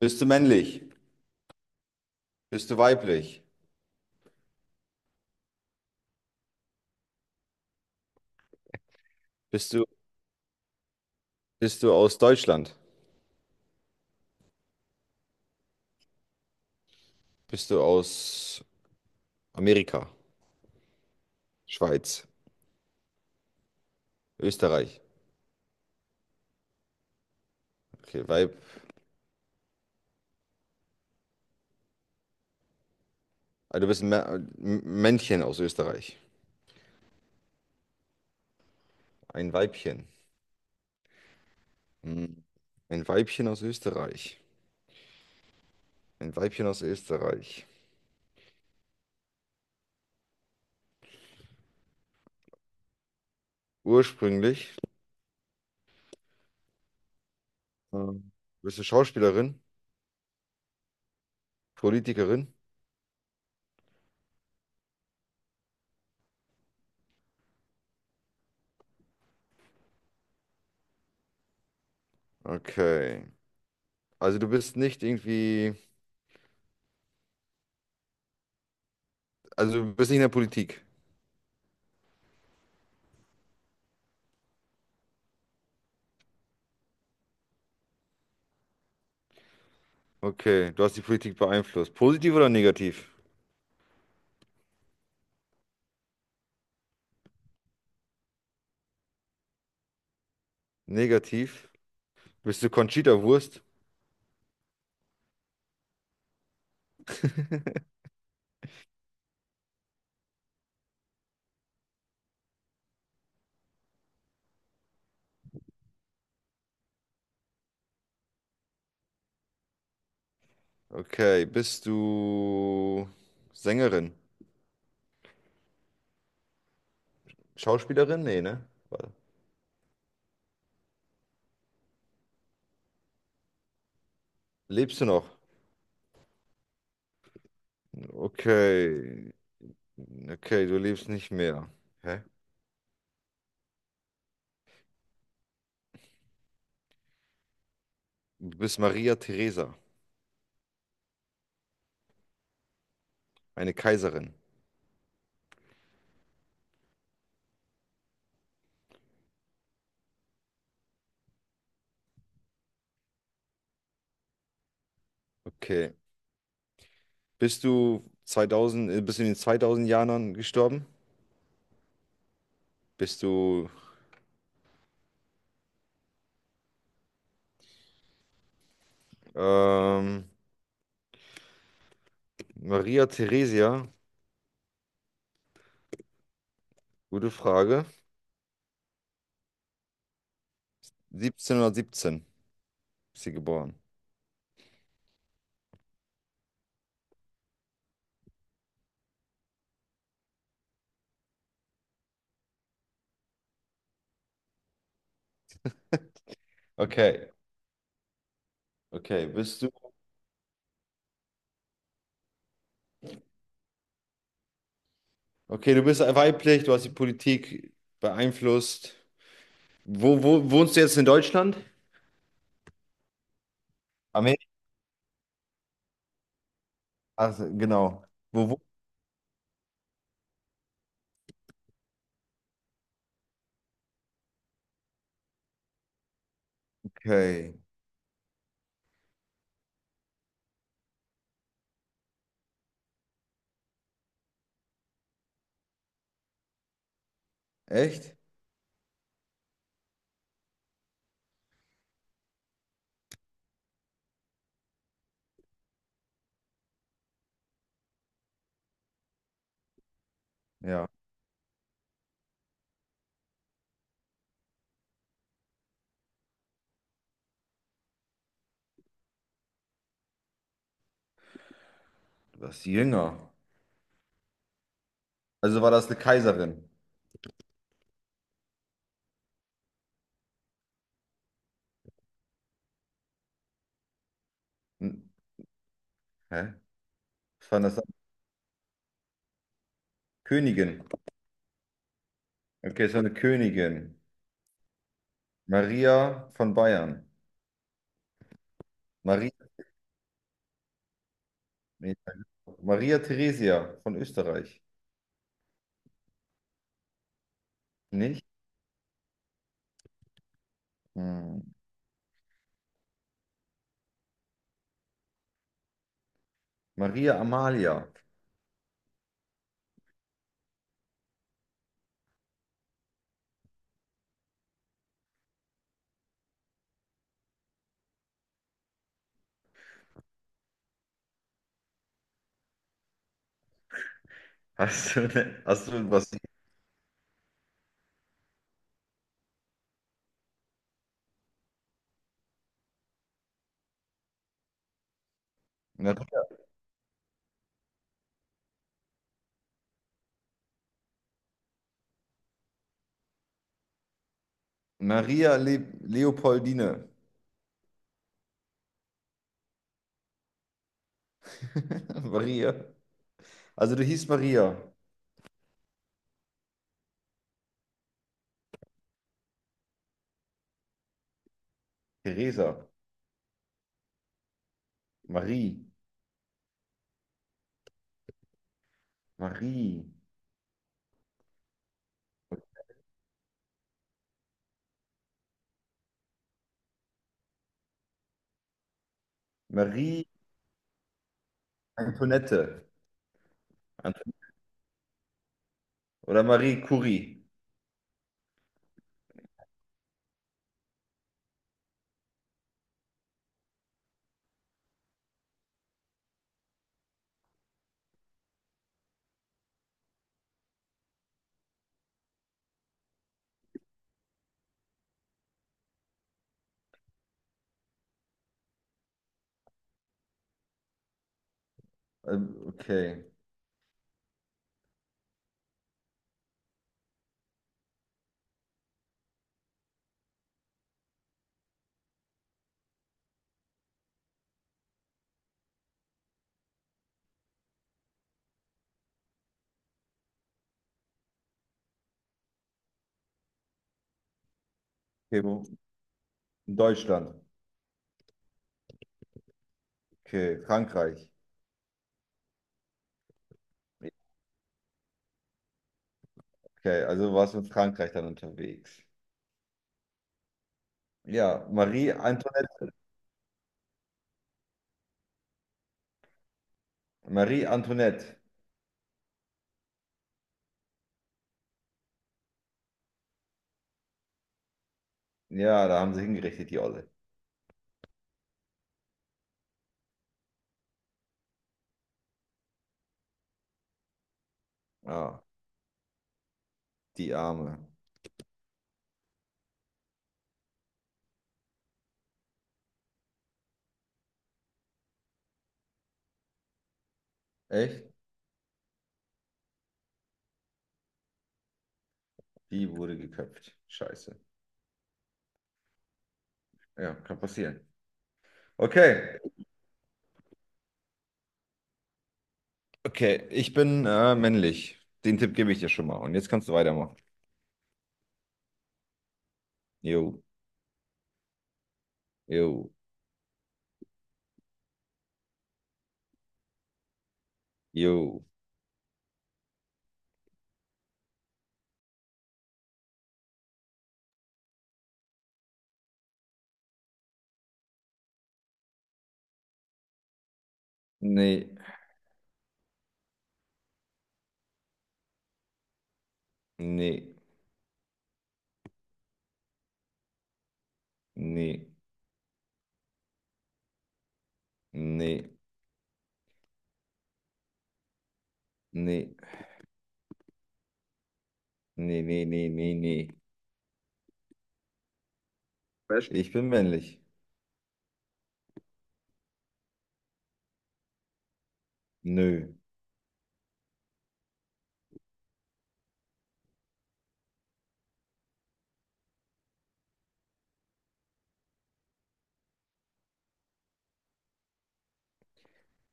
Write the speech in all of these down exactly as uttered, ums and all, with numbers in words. Bist du männlich? Bist du weiblich? Bist du, bist du aus Deutschland? Bist du aus Amerika? Schweiz? Österreich? Okay, Weib. Also du bist ein Mä- M- Männchen aus Österreich. Ein Weibchen. Hm. Ein Weibchen aus Österreich. Ein Weibchen aus Österreich. Ursprünglich. ähm, Bist du Schauspielerin? Politikerin? Okay. Also du bist nicht irgendwie. Also du bist nicht in der Politik. Okay. Du hast die Politik beeinflusst. Positiv oder negativ? Negativ. Bist du Conchita Wurst? Okay, bist du Sängerin? Schauspielerin? Nee, ne? Warte. Lebst du noch? Okay. Okay, du lebst nicht mehr. Hä? Du bist Maria Theresa, eine Kaiserin. Okay. Bist du zweitausend, äh, bist du in den zweitausend Jahren gestorben? Bist du ähm, Maria Theresia? Gute Frage. siebzehnhundertsiebzehn ist sie geboren. Okay, okay. Bist. Okay, du bist weiblich, du hast die Politik beeinflusst. Wo, wo wohnst du jetzt in Deutschland? Amerika, ach, so, genau. Wo, wo? Okay. Echt? Ja, du warst jünger. Also war das eine Kaiserin. Hm. Hä? Was war das? Königin. Okay, es war eine Königin. Maria von Bayern. Maria, nee, Maria Theresia von Österreich. Nicht? Hm. Maria Amalia. Hast du, ne, hast du was? Maria Le Leopoldine. Maria. Also du hießt Maria, Theresa, Marie, Marie, Marie Antoinette Ant- oder Marie Curie. Ähm, Okay. Okay. wo- In Deutschland. Okay, Frankreich. Okay, also warst du in Frankreich dann unterwegs. Ja, Marie Antoinette. Marie Antoinette. Ja, da haben sie hingerichtet, die Olle. Ah, die Arme. Echt? Die wurde geköpft. Scheiße. Ja, kann passieren. Okay. Okay, ich bin äh, männlich. Den Tipp gebe ich dir schon mal. Und jetzt kannst du weitermachen. Jo, jo, jo. Nee, nee, nee, nee, nee, nee, nee, nee, nee, nee. Was? Ich bin männlich. Nö,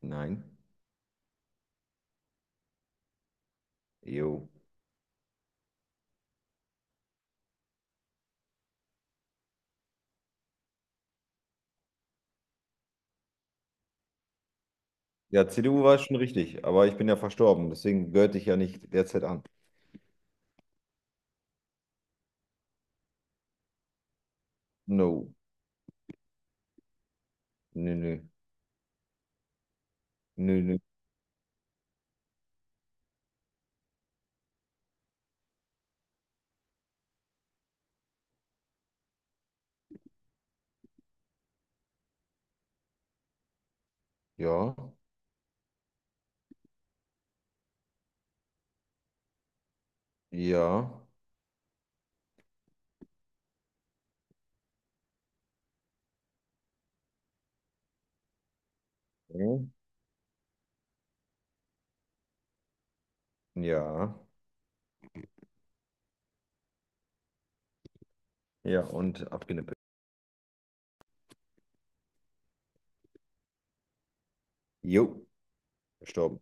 nein, jo. Ja, C D U war schon richtig, aber ich bin ja verstorben, deswegen gehörte ich ja nicht derzeit an. No, nö, nö, nö, nö. Ja, ja, ja, ja, ja, und abgenippelt. Jo, verstorben.